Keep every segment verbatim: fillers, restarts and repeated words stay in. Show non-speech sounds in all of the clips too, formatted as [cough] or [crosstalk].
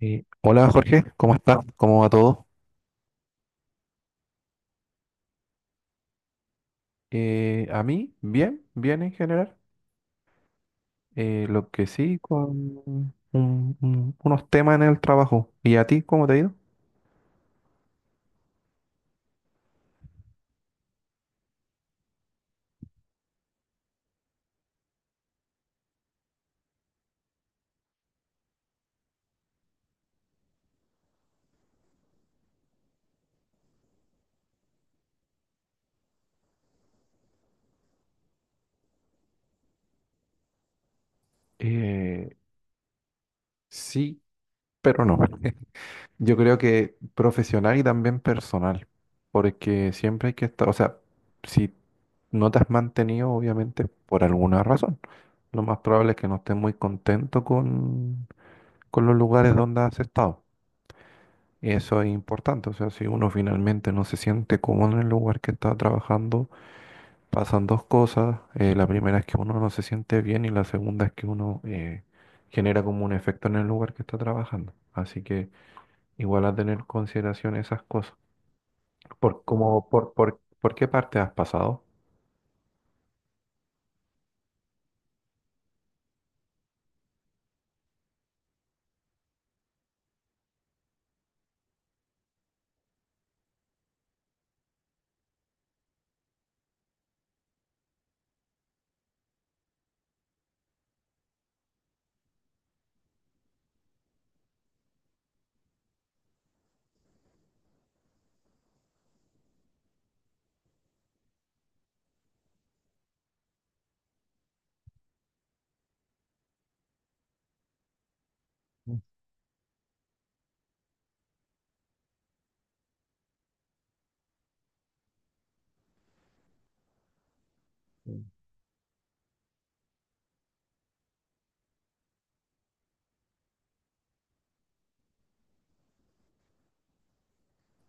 Eh, hola, Jorge, ¿cómo estás? ¿Cómo va todo? Eh, a mí, bien, bien en general. Eh, lo que sí, con un- un- unos temas en el trabajo. ¿Y a ti, cómo te ha ido? Eh, sí, pero no. [laughs] Yo creo que profesional y también personal, porque siempre hay que estar, o sea, si no te has mantenido, obviamente, por alguna razón. Lo más probable es que no estés muy contento con, con los lugares donde has estado. Y eso es importante, o sea, si uno finalmente no se siente cómodo en el lugar que está trabajando, pasan dos cosas. Eh, la primera es que uno no se siente bien y la segunda es que uno eh, genera como un efecto en el lugar que está trabajando. Así que igual a tener en consideración esas cosas. ¿Por, como, por, por, por qué parte has pasado?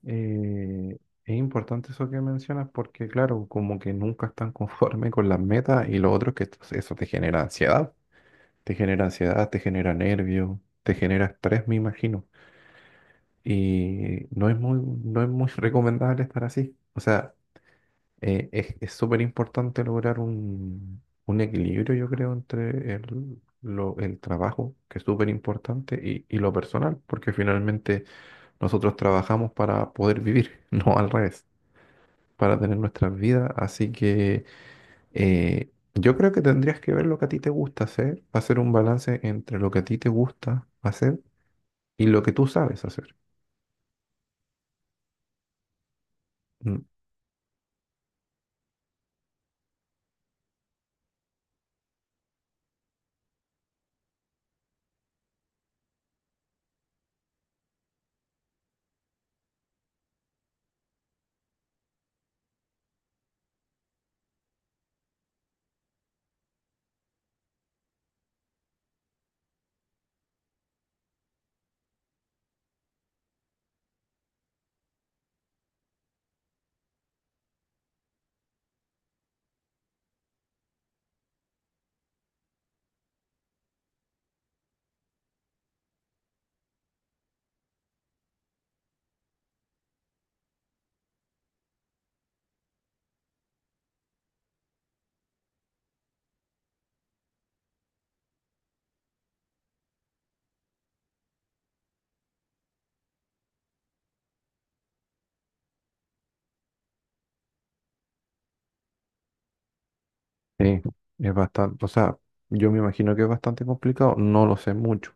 Eh, es importante eso que mencionas porque, claro, como que nunca están [laughs] conforme con las metas y lo otro es que eso te genera ansiedad. Te genera ansiedad, te genera nervio, te genera estrés, me imagino. Y no es muy, no es muy [laughs] recomendable estar así. O sea, eh, es, es súper importante lograr un, un equilibrio, yo creo, entre el, lo- el trabajo, que es súper importante, y, y lo personal, porque finalmente nosotros trabajamos para poder vivir, [laughs] no al revés, para tener nuestras vidas. Así que eh, yo creo que tendrías que ver lo que a ti te gusta hacer, hacer un balance entre lo que a ti te gusta hacer y lo que tú sabes hacer. Mm. Sí, es bastante, o sea, yo me imagino que es bastante complicado, no lo sé mucho,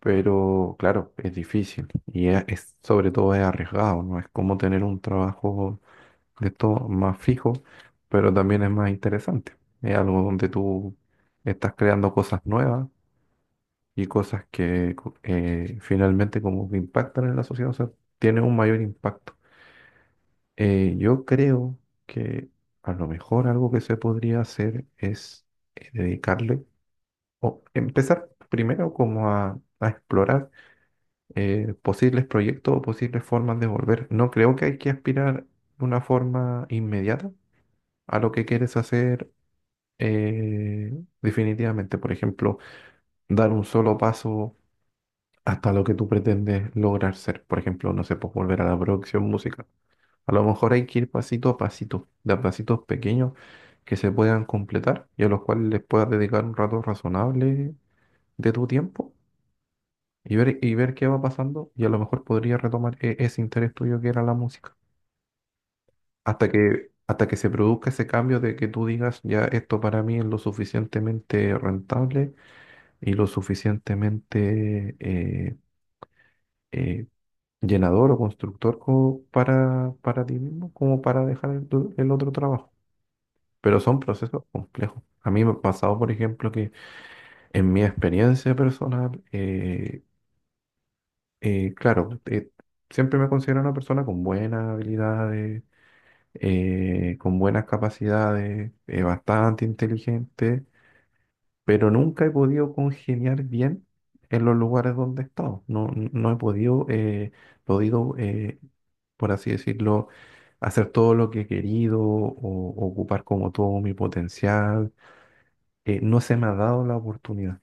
pero claro, es difícil y es, es- sobre todo es arriesgado, no es como tener un trabajo de todo más fijo, pero también es más interesante. Es algo donde tú estás creando cosas nuevas y cosas que co- eh, finalmente como que impactan en la sociedad, o sea, tiene un mayor impacto. Eh, yo creo que a lo mejor algo que se podría hacer es eh, dedicarle o empezar primero como a, a explorar eh, posibles proyectos o posibles formas de volver. No creo que hay que aspirar de una forma inmediata a lo que quieres hacer eh, definitivamente. Por ejemplo, dar un solo paso hasta lo que tú pretendes lograr ser. Por ejemplo, no sé, pues volver a la producción musical. A lo mejor hay que ir pasito a pasito, de a pasitos pequeños que se puedan completar y a los cuales les puedas dedicar un rato razonable de tu tiempo y ver, y ver qué va pasando y a lo mejor podrías retomar e- ese interés tuyo que era la música. Hasta que, hasta que se produzca ese cambio de que tú digas, ya esto para mí es lo suficientemente rentable y lo suficientemente eh, eh, llenador o constructor como para, para ti mismo como para dejar el el otro trabajo. Pero son procesos complejos. A mí me ha pasado, por ejemplo, que en mi experiencia personal, eh, eh, claro, eh, siempre me considero una persona con buenas habilidades, eh, con buenas capacidades, eh, bastante inteligente, pero nunca he podido congeniar bien en los lugares donde he estado. No, no he podido, eh, podido eh, por así decirlo, hacer todo lo que he querido o ocupar como todo mi potencial eh, no se me ha dado la oportunidad.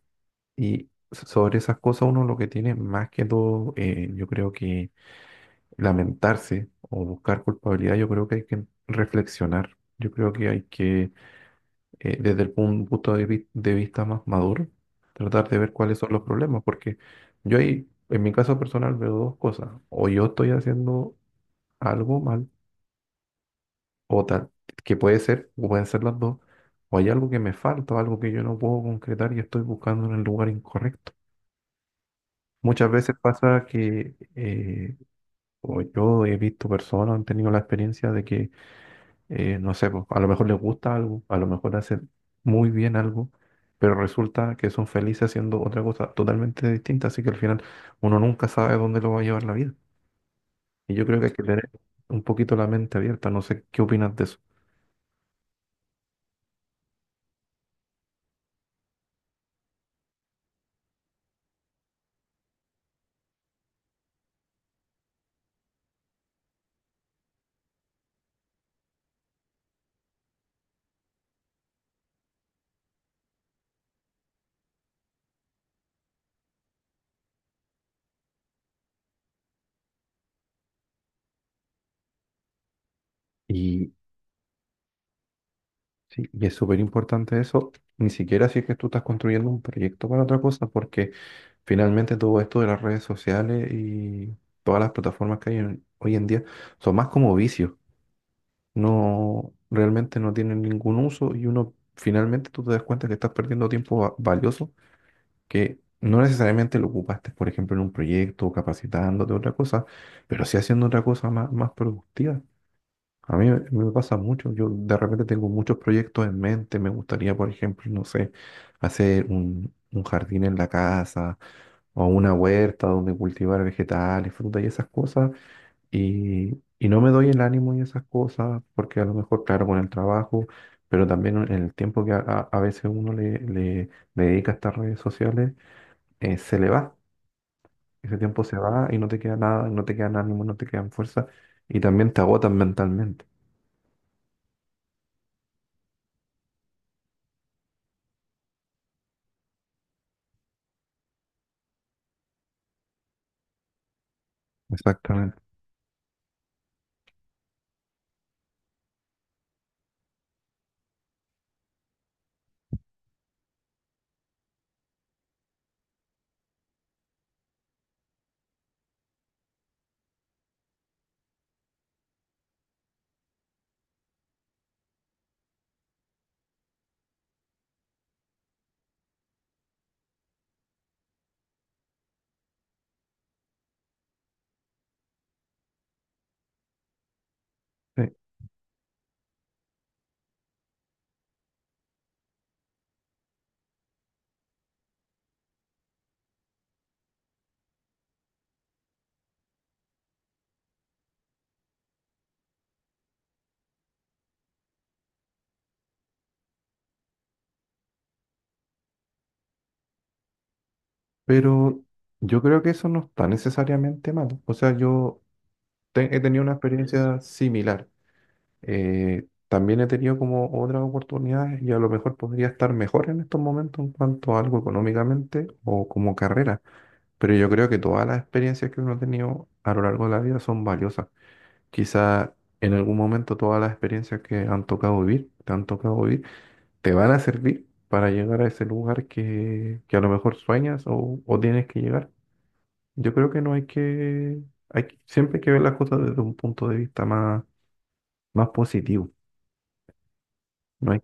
Y so- sobre esas cosas uno lo que tiene más que todo, eh, yo creo que lamentarse o buscar culpabilidad, yo creo que hay que reflexionar. Yo creo que hay que, eh, desde el pun- punto de, vi- de vista más maduro, tratar de ver cuáles son los problemas, porque yo ahí, en mi caso personal, veo dos cosas. O yo estoy haciendo algo mal, o tal, que puede ser, o pueden ser las dos, o hay algo que me falta, o algo que yo no puedo concretar y estoy buscando en el lugar incorrecto. Muchas veces pasa que, eh, o yo he visto personas, han tenido la experiencia de que, eh, no sé, pues, a lo mejor les gusta algo, a lo mejor hacen muy bien algo, pero resulta que son felices haciendo otra cosa totalmente distinta, así que al final uno nunca sabe dónde lo va a llevar la vida. Y yo creo que hay que tener un poquito la mente abierta, no sé qué opinas de eso. Sí, y es súper importante eso, ni siquiera si es que tú estás construyendo un proyecto para otra cosa, porque finalmente todo esto de las redes sociales y todas las plataformas que hay en- hoy en día son más como vicios, no, realmente no tienen ningún uso y uno finalmente tú te das cuenta que estás perdiendo tiempo va- valioso que no necesariamente lo ocupaste, por ejemplo, en un proyecto, capacitándote, otra cosa, pero sí haciendo otra cosa más, más productiva. A mí me me pasa mucho, yo de repente tengo muchos proyectos en mente, me gustaría, por ejemplo, no sé, hacer un, un jardín en la casa o una huerta donde cultivar vegetales, frutas y esas cosas, y, y no me doy el ánimo y esas cosas, porque a lo mejor, claro, con el trabajo, pero también en el tiempo que a, a- a veces uno le, le- le dedica a estas redes sociales, eh, se le va, ese tiempo se va y no te queda nada, no te quedan ánimo, no te quedan fuerza, y también te agotan mentalmente. Exactamente. Pero yo creo que eso no está necesariamente mal. O sea, yo te- he tenido una experiencia similar. Eh, también he tenido como otras oportunidades y a lo mejor podría estar mejor en estos momentos en cuanto a algo económicamente o como carrera. Pero yo creo que todas las experiencias que uno ha tenido a lo largo de la vida son valiosas. Quizá en algún momento todas las experiencias que han tocado vivir, te han tocado vivir, te van a servir para llegar a ese lugar que, que a lo mejor sueñas o o tienes que llegar. Yo creo que no hay que, hay, que- siempre hay que ver las cosas desde un punto de vista más, más positivo. No hay,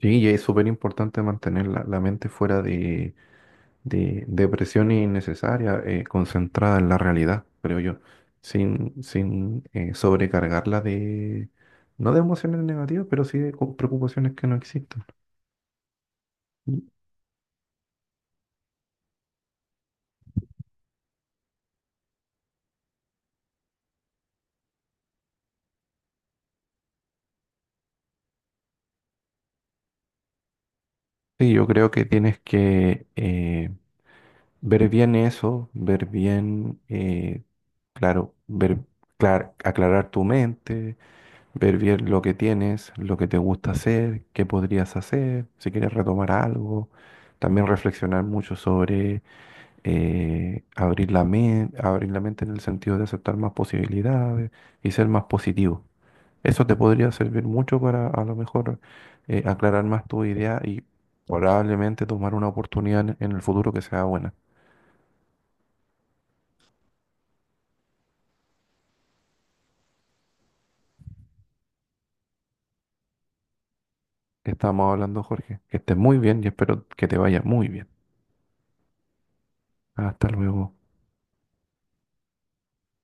sí, y es súper importante mantener la, la mente fuera de, de, de presiones innecesarias, eh, concentrada en la realidad, creo yo, sin, sin eh, sobrecargarla de, no de emociones negativas, pero sí de co- preocupaciones que no existen. Y... Sí, yo creo que tienes que eh, ver bien eso, ver bien... eh, Claro, ver, clar- aclarar tu mente, ver bien lo que tienes, lo que te gusta hacer, qué podrías hacer, si quieres retomar algo. También reflexionar mucho sobre eh, abrir la mente, abrir la mente en el sentido de aceptar más posibilidades y ser más positivo. Eso te podría servir mucho para a lo mejor eh, aclarar más tu idea y probablemente tomar una oportunidad en en el futuro que sea buena. Estamos hablando, Jorge. Que estés muy bien y espero que te vaya muy bien. Hasta luego.